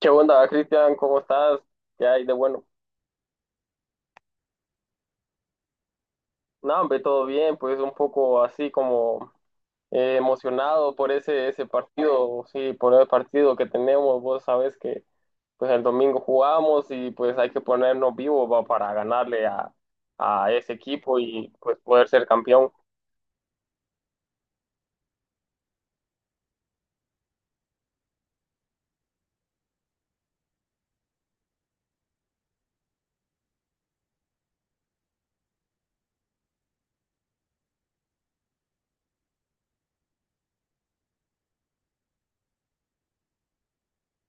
¿Qué onda, Cristian? ¿Cómo estás? ¿Qué hay de bueno? No, hombre, todo bien, pues un poco así como emocionado por ese partido, sí, por el partido que tenemos. Vos sabés que pues el domingo jugamos y pues hay que ponernos vivos va, para ganarle a ese equipo y pues poder ser campeón.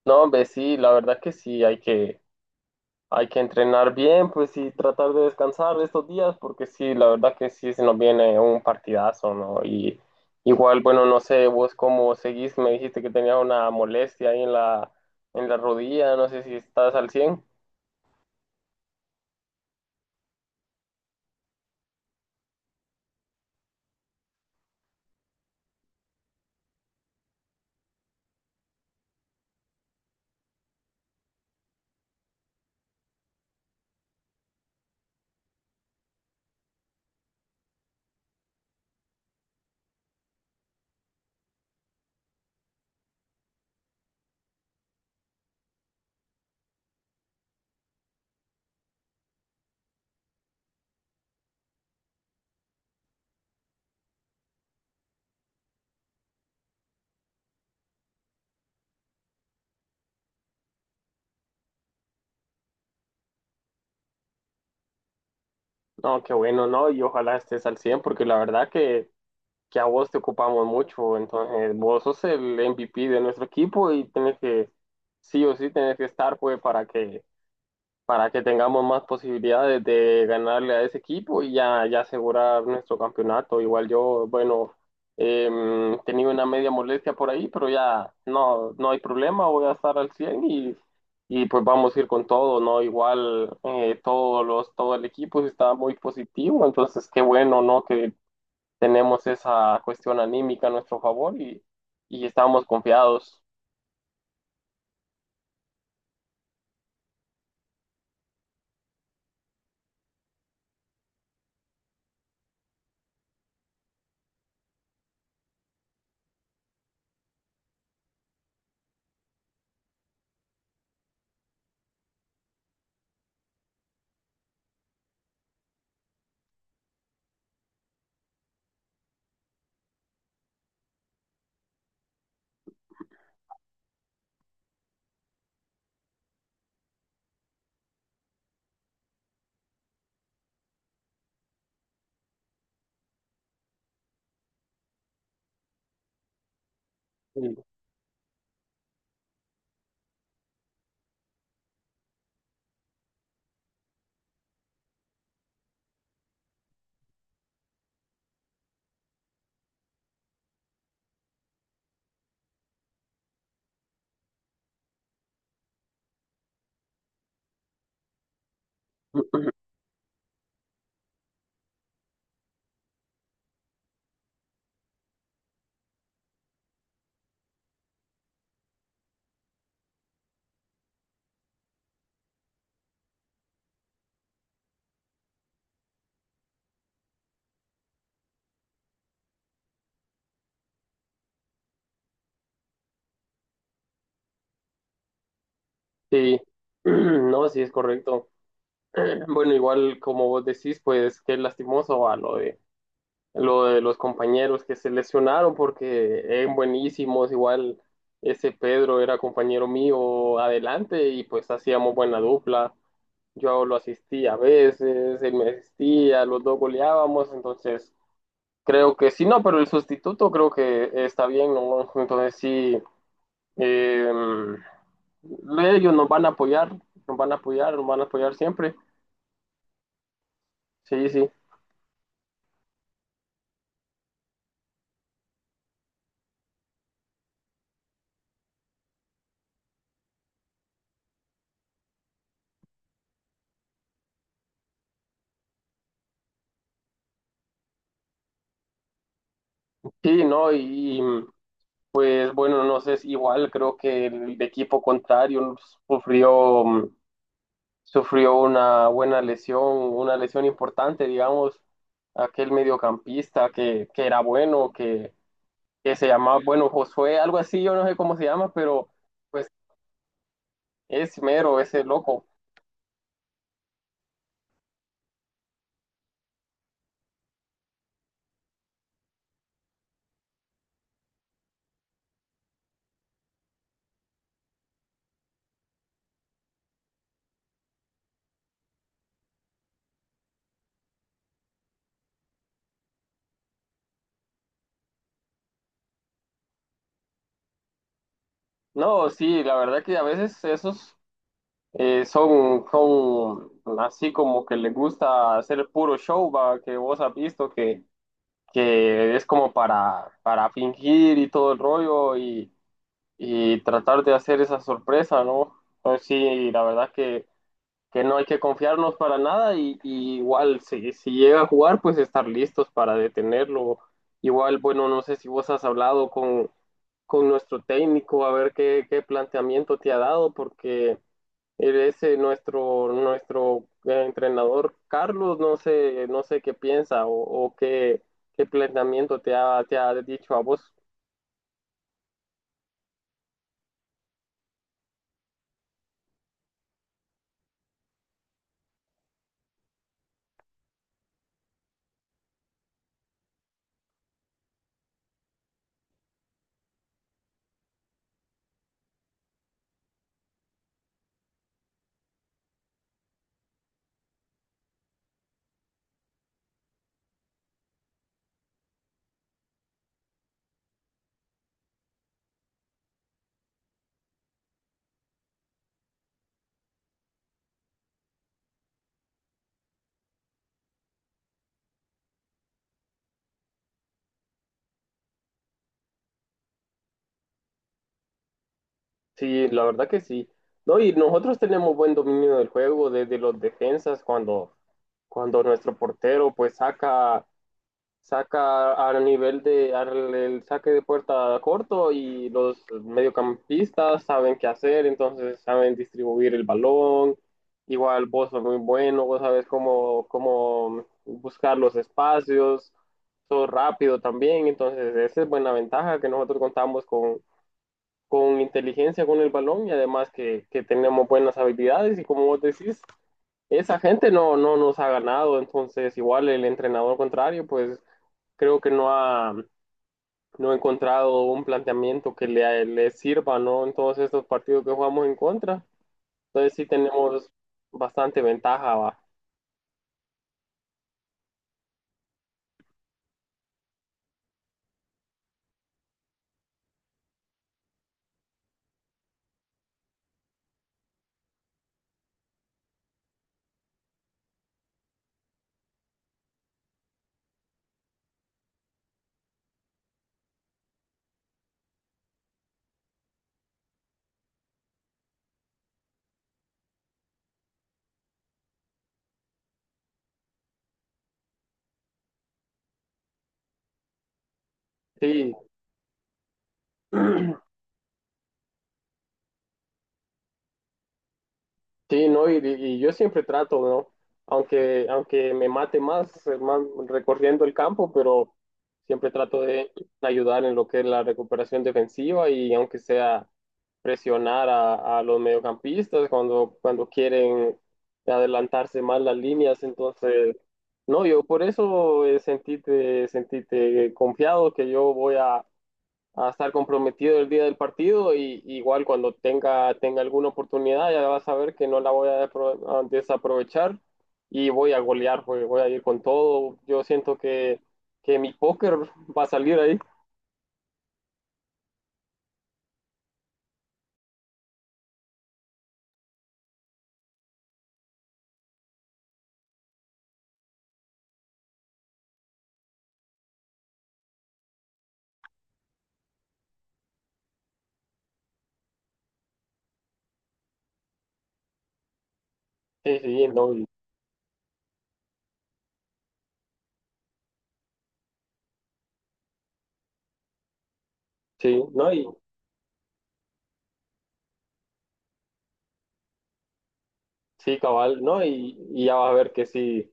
No, hombre, sí, la verdad que sí, hay que entrenar bien, pues, y tratar de descansar estos días, porque sí, la verdad que sí se nos viene un partidazo, ¿no? Y igual, bueno, no sé, vos cómo seguís, me dijiste que tenías una molestia ahí en en la rodilla, no sé si estás al 100. No, qué bueno, ¿no? Y ojalá estés al 100, porque la verdad que a vos te ocupamos mucho, entonces vos sos el MVP de nuestro equipo y tenés que, sí o sí, tenés que estar, pues, para que tengamos más posibilidades de ganarle a ese equipo y ya, ya asegurar nuestro campeonato. Igual yo, bueno, tenía una media molestia por ahí, pero ya no, no hay problema, voy a estar al 100 y pues vamos a ir con todo, ¿no? Igual todos los, todo el equipo está muy positivo, entonces qué bueno, ¿no? Que tenemos esa cuestión anímica a nuestro favor y estamos confiados. Sí, no, sí es correcto. Bueno, igual como vos decís, pues qué lastimoso va lo de los compañeros que se lesionaron porque eran buenísimos, igual ese Pedro era compañero mío adelante y pues hacíamos buena dupla. Yo lo asistía a veces, él me asistía, los dos goleábamos, entonces creo que sí, no, pero el sustituto creo que está bien, ¿no? Entonces sí, em, ellos nos van a apoyar, nos van a apoyar, nos van a apoyar siempre. Sí, sí. Sí, no, y mm, es bueno, no sé, es igual creo que el equipo contrario sufrió, mm, sufrió una buena lesión, una lesión importante, digamos, aquel mediocampista que era bueno, que se llamaba, bueno, Josué, algo así, yo no sé cómo se llama, pero pues es mero, ese loco. No, sí, la verdad que a veces esos son, son así como que les gusta hacer puro show, va, que vos has visto que es como para fingir y todo el rollo y tratar de hacer esa sorpresa, ¿no? Entonces sí, la verdad que no hay que confiarnos para nada y, y igual si, si llega a jugar, pues estar listos para detenerlo. Igual, bueno, no sé si vos has hablado con nuestro técnico a ver qué, qué planteamiento te ha dado, porque él es nuestro entrenador Carlos, no sé, no sé qué piensa o qué, qué planteamiento te ha dicho a vos. Sí, la verdad que sí. No, y nosotros tenemos buen dominio del juego desde los defensas cuando, cuando nuestro portero pues saca al nivel de al, el saque de puerta corto y los mediocampistas saben qué hacer, entonces saben distribuir el balón. Igual vos sos muy bueno, vos sabes cómo, cómo buscar los espacios, sos rápido también, entonces esa es buena ventaja que nosotros contamos con inteligencia con el balón y además que tenemos buenas habilidades y como vos decís, esa gente no, no nos ha ganado, entonces igual el entrenador contrario, pues creo que no ha, no ha encontrado un planteamiento que le sirva, ¿no? En todos estos partidos que jugamos en contra. Entonces sí tenemos bastante ventaja, va. Sí, sí, no, y yo siempre trato, ¿no? Aunque, aunque me mate más, más recorriendo el campo, pero siempre trato de ayudar en lo que es la recuperación defensiva y aunque sea presionar a los mediocampistas cuando, cuando quieren adelantarse más las líneas. Entonces, no, yo por eso sentíte sentite confiado que yo voy a estar comprometido el día del partido y igual cuando tenga, tenga alguna oportunidad ya vas a ver que no la voy a desaprovechar y voy a golear, voy a ir con todo. Yo siento que mi póker va a salir ahí. Sí, sí, no, sí, no, y sí, cabal, no, y ya vas a ver que sí,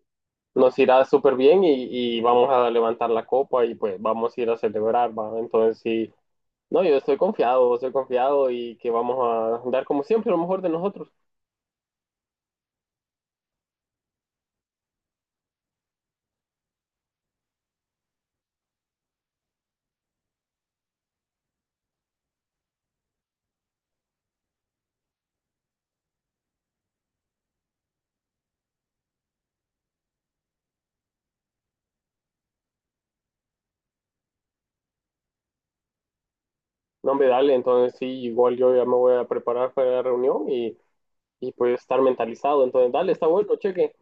nos irá súper bien y vamos a levantar la copa y pues vamos a ir a celebrar, ¿va? Entonces sí, no, yo estoy confiado y que vamos a dar como siempre lo mejor de nosotros. No, hombre, dale, entonces sí, igual yo ya me voy a preparar para la reunión y pues estar mentalizado. Entonces, dale, está bueno, cheque.